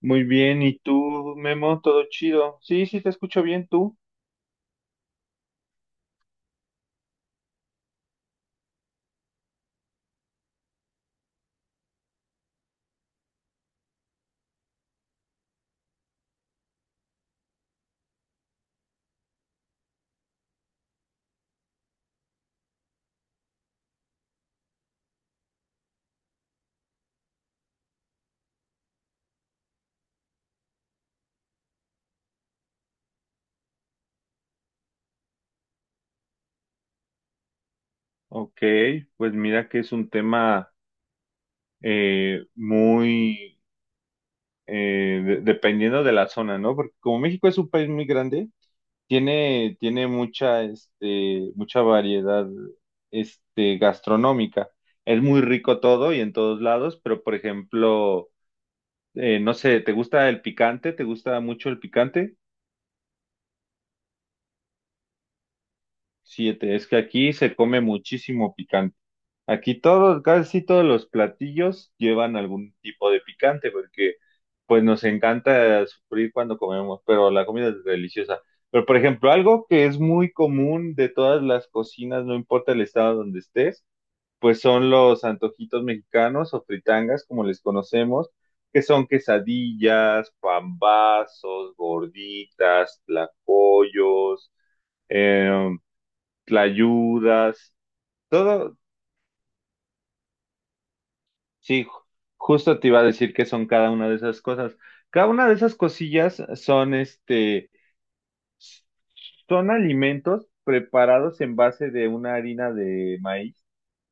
Muy bien, ¿y tú, Memo? ¿Todo chido? Sí, sí, te escucho bien, ¿tú? Ok, pues mira que es un tema muy dependiendo de la zona, ¿no? Porque como México es un país muy grande, tiene mucha, este, mucha variedad, este, gastronómica. Es muy rico todo y en todos lados, pero por ejemplo, no sé, ¿te gusta el picante? ¿Te gusta mucho el picante? Sí, es que aquí se come muchísimo. Aquí todos, casi sí todos los platillos llevan algún tipo de picante, porque pues nos encanta sufrir cuando comemos, pero la comida es deliciosa. Pero por ejemplo, algo que es muy común de todas las cocinas, no importa el estado donde estés, pues son los antojitos mexicanos o fritangas, como les conocemos, que son quesadillas, pambazos, gorditas, tlacoyos, eh, tlayudas, todo. Sí, justo te iba a decir que son cada una de esas cosas. Cada una de esas cosillas son este, son alimentos preparados en base de una harina de maíz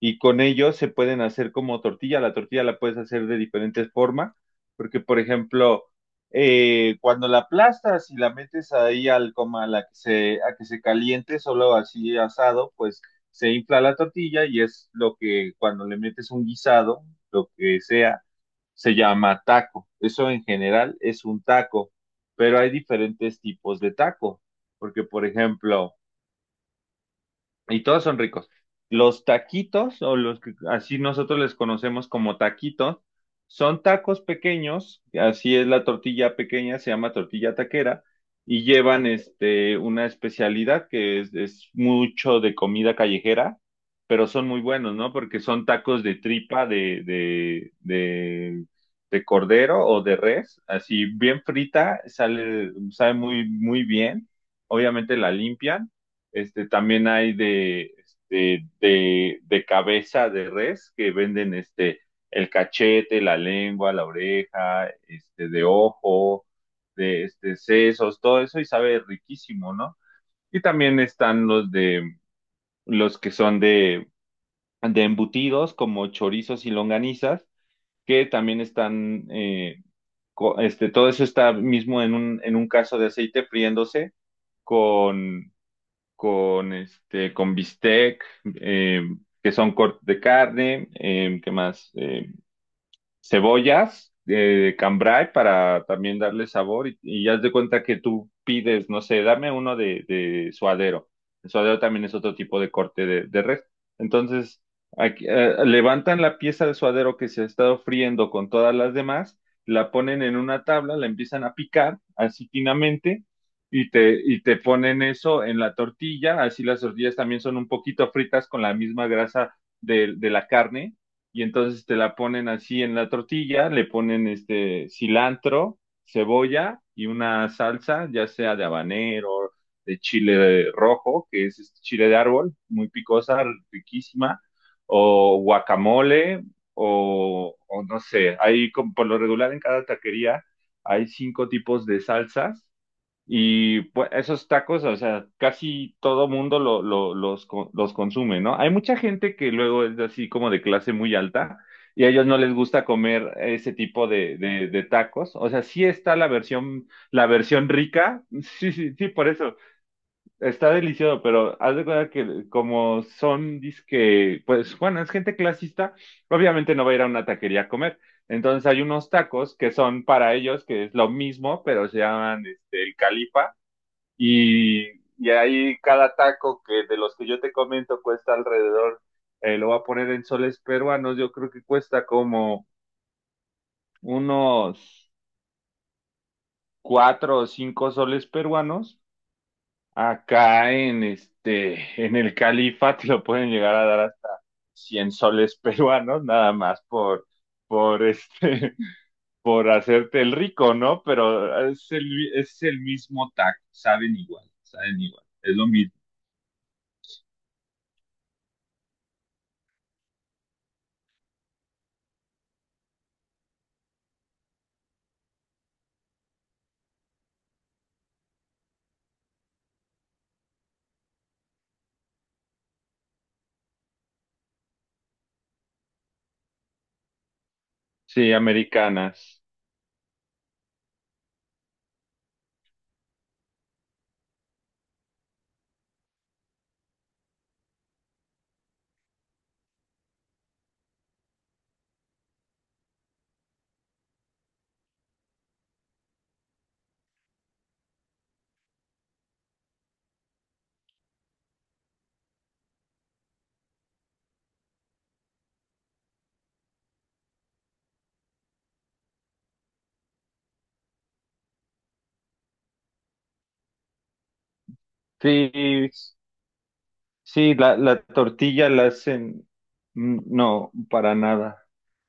y con ellos se pueden hacer como tortilla. La tortilla la puedes hacer de diferentes formas, porque por ejemplo, cuando la aplastas y la metes ahí al coma a la que se, a que se caliente, solo así asado, pues se infla la tortilla y es lo que cuando le metes un guisado, lo que sea se llama taco. Eso en general es un taco, pero hay diferentes tipos de taco, porque por ejemplo, y todos son ricos. Los taquitos, o los que así nosotros les conocemos como taquitos, son tacos pequeños, así es la tortilla pequeña, se llama tortilla taquera, y llevan este, una especialidad que es mucho de comida callejera, pero son muy buenos, ¿no? Porque son tacos de tripa, de cordero o de res, así bien frita, sale, sabe muy, muy bien, obviamente la limpian este, también hay este, de cabeza de res que venden este, el cachete, la lengua, la oreja, este, de ojo, de este, sesos, todo eso y sabe riquísimo, ¿no? Y también están los de los que son de embutidos como chorizos y longanizas, que también están, este, todo eso está mismo en un caso de aceite friéndose con con este, con bistec, eh, que son cortes de carne, ¿qué más? Cebollas de cambray para también darle sabor y haz de cuenta que tú pides, no sé, dame uno de suadero. El suadero también es otro tipo de corte de res. Entonces, aquí, levantan la pieza de suadero que se ha estado friendo con todas las demás, la ponen en una tabla, la empiezan a picar así finamente. Y te ponen eso en la tortilla, así las tortillas también son un poquito fritas con la misma grasa de la carne, y entonces te la ponen así en la tortilla, le ponen este cilantro, cebolla y una salsa, ya sea de habanero, de chile rojo, que es este chile de árbol, muy picosa, riquísima, o guacamole, o no sé, hay como por lo regular en cada taquería hay cinco tipos de salsas y pues, esos tacos, o sea, casi todo mundo los consume, ¿no? Hay mucha gente que luego es así como de clase muy alta y a ellos no les gusta comer ese tipo de tacos. O sea, sí está la versión rica, sí, sí, sí, por eso, está delicioso, pero haz de cuenta que como son, dizque, pues bueno, es gente clasista, obviamente no va a ir a una taquería a comer. Entonces hay unos tacos que son para ellos, que es lo mismo, pero se llaman este, el Califa. Y ahí cada taco que de los que yo te comento cuesta alrededor, lo voy a poner en soles peruanos, yo creo que cuesta como unos 4 o 5 soles peruanos. Acá en este, en el Califa te lo pueden llegar a dar hasta 100 soles peruanos, nada más por este, por hacerte el rico, ¿no? Pero es el mismo taco, saben igual, es lo mismo. Sí, americanas. Sí, sí, la tortilla la hacen, mm, no, para nada.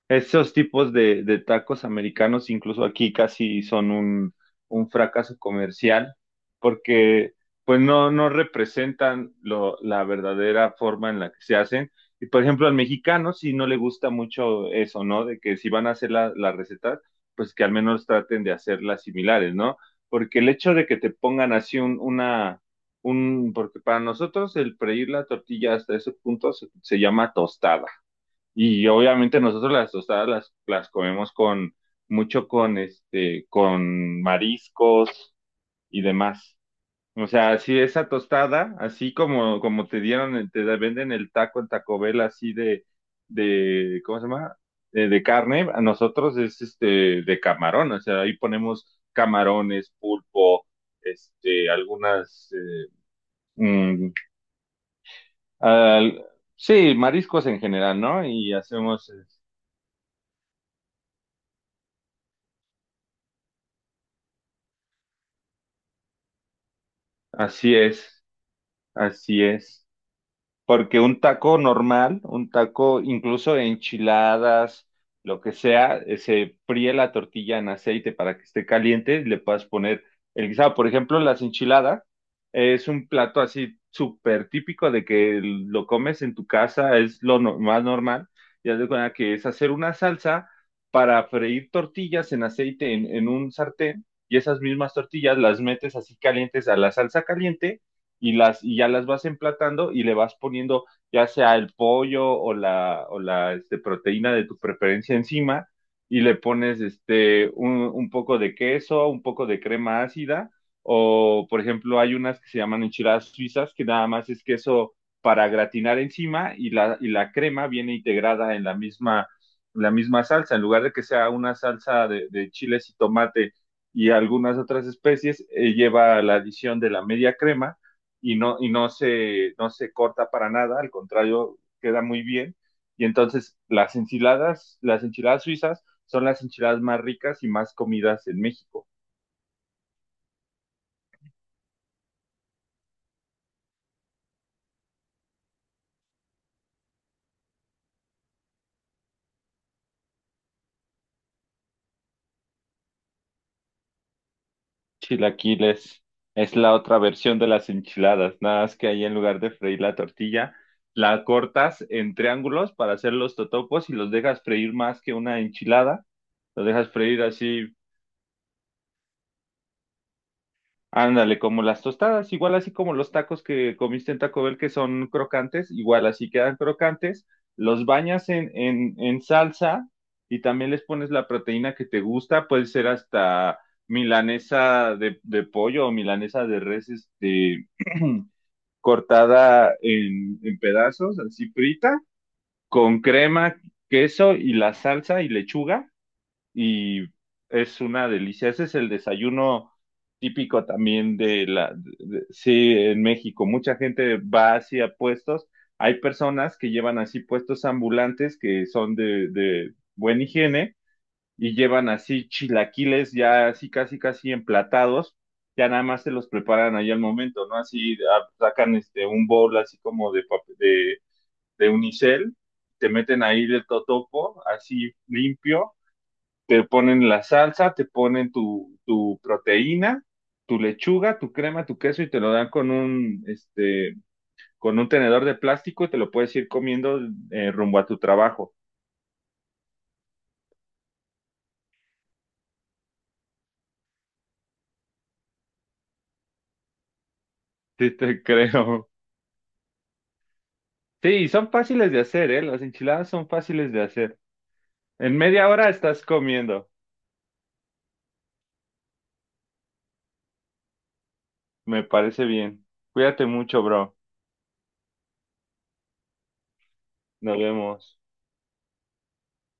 Esos tipos de tacos americanos, incluso aquí casi son un fracaso comercial, porque pues no, no representan lo- la verdadera forma en la que se hacen. Y por ejemplo, al mexicano sí no le gusta mucho eso, ¿no? De que si van a hacer la receta, pues que al menos traten de hacerlas similares, ¿no? Porque el hecho de que te pongan así porque para nosotros el freír la tortilla hasta ese punto se llama tostada. Y obviamente nosotros las tostadas las comemos con mucho con este, con mariscos y demás. O sea, si esa tostada, así como, como te dieron, te venden el taco en Taco Bell así ¿cómo se llama? De carne, a nosotros es este de camarón, o sea, ahí ponemos camarones, pulpo, este, algunas, mm, al- sí, mariscos en general, ¿no? Y hacemos, así es. Así es, porque un taco normal, un taco incluso de enchiladas, lo que sea, se fríe la tortilla en aceite para que esté caliente, y le puedas poner el guisado. Por ejemplo, las enchiladas es un plato así súper típico de que lo comes en tu casa, es lo no- más normal. Ya de cuenta que es hacer una salsa para freír tortillas en aceite en un sartén y esas mismas tortillas las metes así calientes a la salsa caliente y las y ya las vas emplatando y le vas poniendo ya sea el pollo o la este, proteína de tu preferencia encima y le pones este un poco de queso, un poco de crema ácida, o por ejemplo hay unas que se llaman enchiladas suizas que nada más es queso para gratinar encima la crema viene integrada en la misma salsa en lugar de que sea una salsa de chiles y tomate y algunas otras especies, lleva la adición de la media crema y no, no se corta para nada, al contrario, queda muy bien. Y entonces las enchiladas suizas son las enchiladas más ricas y más comidas en México. Chilaquiles es la otra versión de las enchiladas, nada más que ahí en lugar de freír la tortilla, la cortas en triángulos para hacer los totopos y los dejas freír más que una enchilada. Los dejas freír así. Ándale, como las tostadas, igual así como los tacos que comiste en Taco Bell que son crocantes, igual así quedan crocantes, los bañas en salsa y también les pones la proteína que te gusta, puede ser hasta milanesa de pollo o milanesa de res, este, cortada en pedazos, así frita, con crema, queso y la salsa y lechuga y es una delicia. Ese es el desayuno típico también de sí, en México. Mucha gente va hacia puestos. Hay personas que llevan así puestos ambulantes que son de buena higiene y llevan así chilaquiles ya así casi casi emplatados. Ya nada más se los preparan ahí al momento, ¿no? Así ah, sacan este un bowl así como de, pap- de unicel, te meten ahí el totopo, así limpio, te ponen la salsa, te ponen tu proteína, tu lechuga, tu crema, tu queso y te lo dan con un, este, con un tenedor de plástico y te lo puedes ir comiendo rumbo a tu trabajo. Sí, te creo. Sí, son fáciles de hacer, ¿eh? Las enchiladas son fáciles de hacer. En media hora estás comiendo. Me parece bien. Cuídate mucho, bro. Nos vemos.